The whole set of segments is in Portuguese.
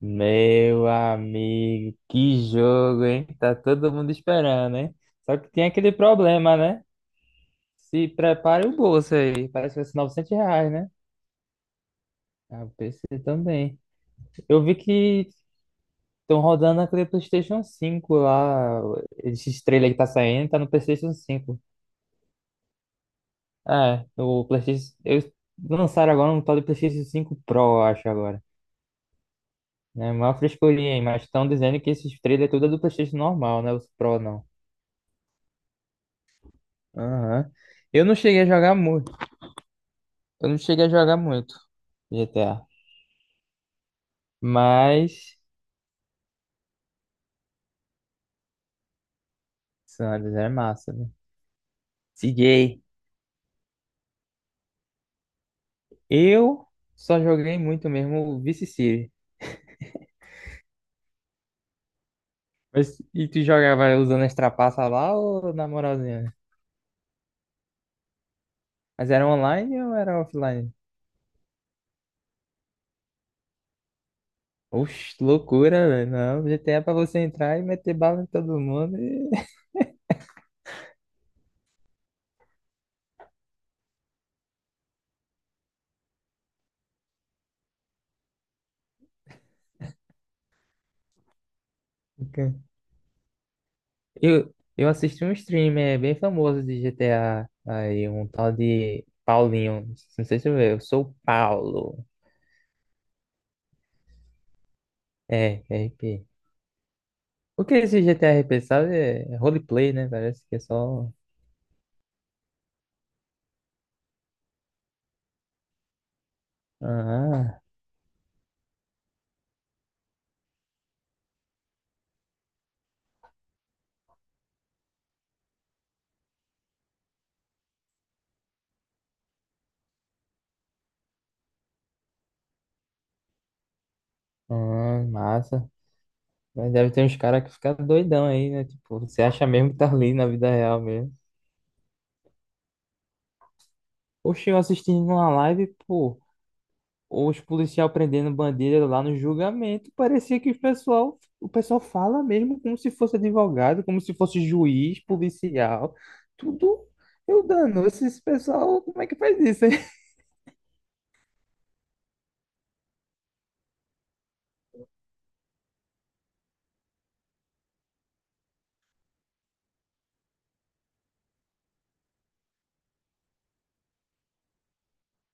Meu amigo, que jogo, hein? Tá todo mundo esperando, hein? Só que tem aquele problema, né? Se prepare o bolso aí. Parece que vai ser R$ 900, né? Ah, o PC também. Eu vi que estão rodando aquele PlayStation 5 lá. Esse trailer que tá saindo tá no PlayStation 5. É, o PlayStation. Eles lançaram agora um tal de PlayStation 5 Pro, eu acho agora. É uma frescurinha, hein? Mas estão dizendo que esses trailers tudo é do PlayStation normal, né? Os Pro não. Aham. Eu não cheguei a jogar muito. Eu não cheguei a jogar muito GTA. Mas San Andreas é massa, né? CJ. Eu só joguei muito mesmo o Vice City. Mas e tu jogava usando as trapaças lá ou na moralzinha? Mas era online ou era offline? Oxe, loucura, velho. Não, GTA é pra você entrar e meter bala em todo mundo e... Eu assisti um streamer bem famoso de GTA aí, um tal de Paulinho. Não sei se eu sou o Paulo. É, RP. O que é esse GTA RP, sabe? É roleplay, né? Parece que é só. Ah, ah, massa. Mas deve ter uns caras que ficam doidão aí, né? Tipo, você acha mesmo que tá ali na vida real mesmo. Oxe, eu assistindo uma live, pô. Os policial prendendo bandeira lá no julgamento, parecia que o pessoal fala mesmo como se fosse advogado, como se fosse juiz, policial, tudo. Eu dando, esse pessoal, como é que faz isso, hein?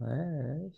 É,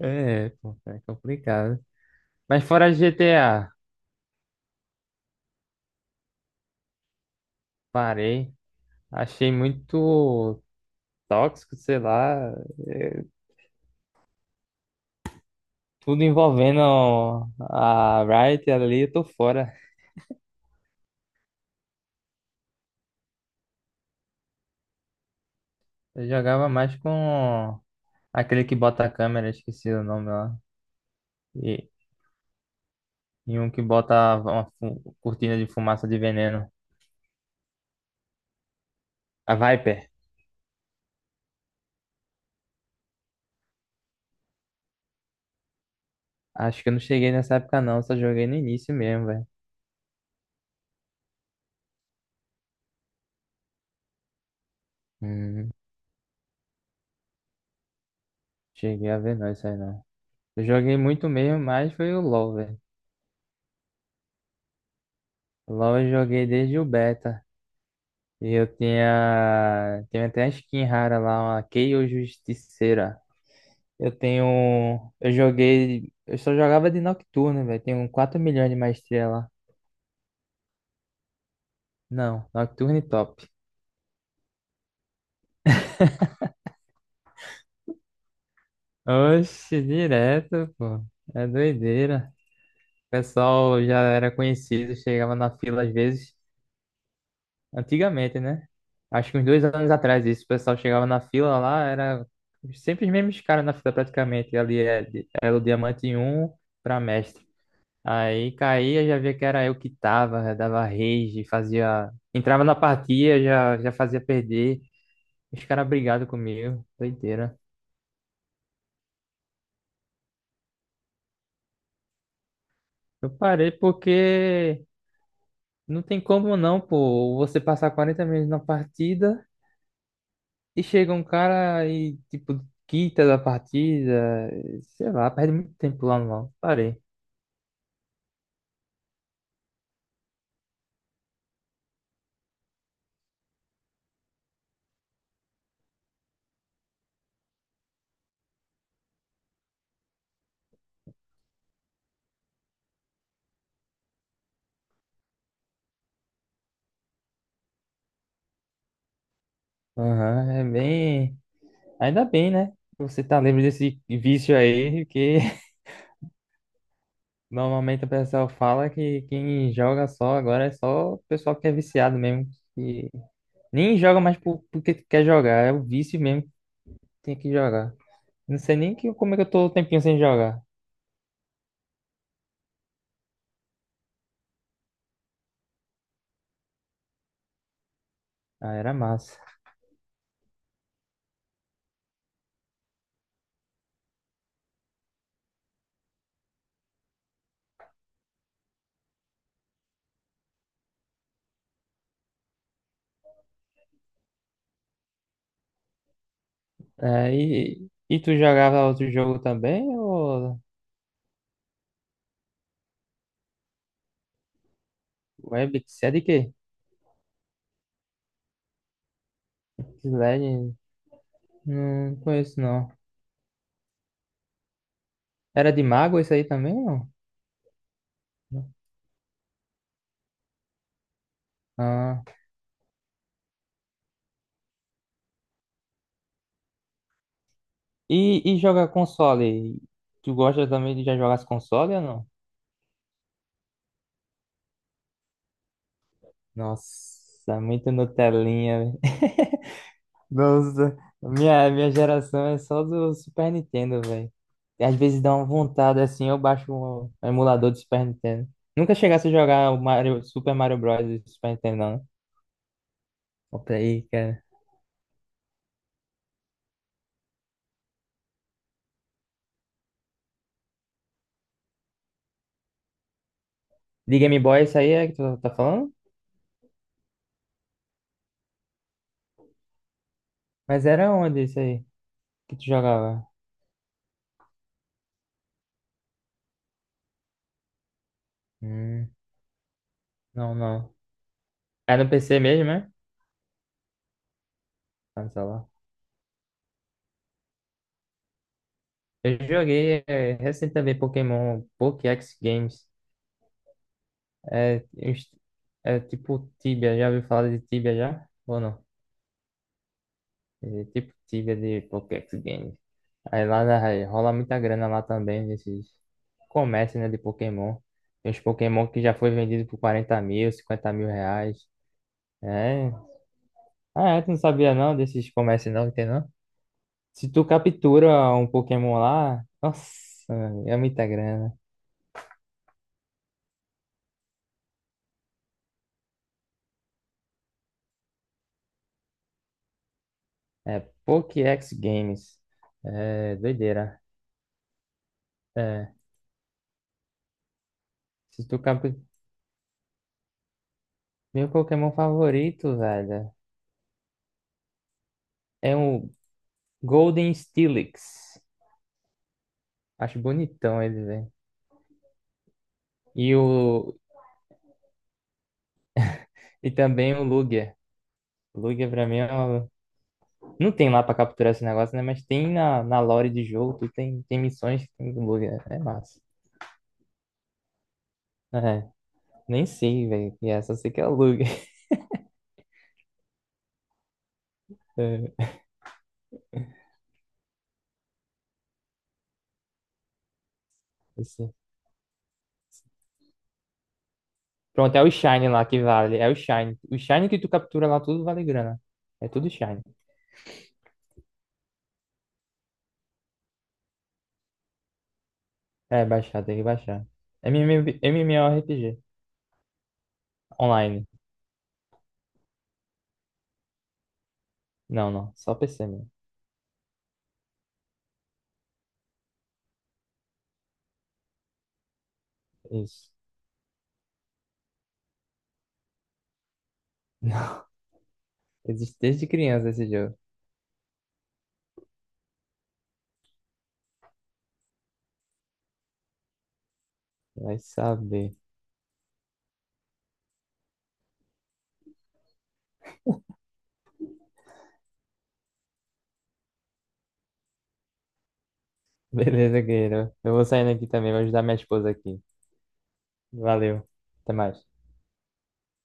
é, pô, é complicado. Mas fora GTA, parei. Achei muito tóxico, sei lá, é, tudo envolvendo a Riot ali, eu tô fora. Eu jogava mais com aquele que bota a câmera, esqueci o nome lá. E, e um que bota uma cortina de fumaça de veneno. A Viper. Acho que eu não cheguei nessa época não, só joguei no início mesmo, velho. Hum, cheguei a ver não isso aí não. Eu joguei muito mesmo, mas foi o LoL, velho. O LoL eu joguei desde o beta. E eu tinha até a skin rara lá, uma Kayle Justiceira. Eu tenho, um, eu joguei, eu só jogava de Nocturne, velho. Tenho 4 milhões de maestria lá. Não, Nocturne top. Oxe, direto, pô. É doideira. O pessoal já era conhecido, chegava na fila às vezes. Antigamente, né? Acho que uns 2 anos atrás isso. O pessoal chegava na fila lá, era sempre os mesmos caras na fila praticamente. Era o Diamante 1 pra mestre. Aí caía, já via que era eu que tava, já dava rage, fazia. Entrava na partida, já fazia perder. Os caras brigados comigo. Doideira. Eu parei porque. Não tem como não, pô. Você passar 40 minutos na partida e chega um cara e, tipo, quita da partida. Sei lá, perde muito tempo lá no LoL. Parei. Aham, é bem. Ainda bem, né? Você tá livre desse vício aí, que normalmente o pessoal fala que quem joga só agora é só o pessoal que é viciado mesmo. Que nem joga mais porque quer jogar, é o vício mesmo que tem que jogar. Não sei nem que, como é que eu tô o tempinho sem jogar. Ah, era massa. É, e tu jogava outro jogo também? Ou Web, é de quê? Slade? Não conheço não. Era de mago isso aí também, não? Ah. E jogar console? Tu gosta também de já jogar as console ou não? Nossa, muito Nutelinha, velho. Nossa, minha geração é só do Super Nintendo, velho. E às vezes dá uma vontade assim, eu baixo um emulador de Super Nintendo. Nunca chegasse a jogar o Mario, Super Mario Bros. Do Super Nintendo, não, né? Opa aí, cara. De Game Boy, isso aí é que tu tá falando? Mas era onde isso aí que tu jogava? Hum, não, não. Era no PC mesmo, né? Ah, no celular. Eu joguei é, recentemente Pokémon Pokéx Games. É, é tipo Tibia, já ouviu falar de Tibia já? Ou não? É tipo Tibia de Pokéx Games. Aí lá aí rola muita grana lá também nesses comércios, né, de Pokémon. Tem uns Pokémon que já foi vendido por 40 mil, 50 mil reais. É. Ah, é, tu não sabia não desses comércios não que tem não? Se tu captura um Pokémon lá, nossa, é muita grana. É Pokédex Games. É doideira. É. Se tu captura. Meu Pokémon favorito, velho, é um Golden Steelix. Acho bonitão ele, velho. E o. E também o Lugia. O Lugia pra mim é uma- Não tem lá pra capturar esse negócio, né? Mas tem na lore de jogo, tu tem missões que tem com o Lugia. É massa. É. Nem sei, velho. E essa eu sei que é Lug. É, assim. Pronto, é o Shine lá que vale. É o Shine. O Shine que tu captura lá tudo vale grana. É tudo Shine. É, baixar, tem que baixar. MMORPG. Online. Não, não. Só PC mesmo. Isso. Existe desde criança esse jogo. Vai saber. Beleza, guerreiro. Eu vou saindo aqui também. Vou ajudar minha esposa aqui. Valeu. Até mais.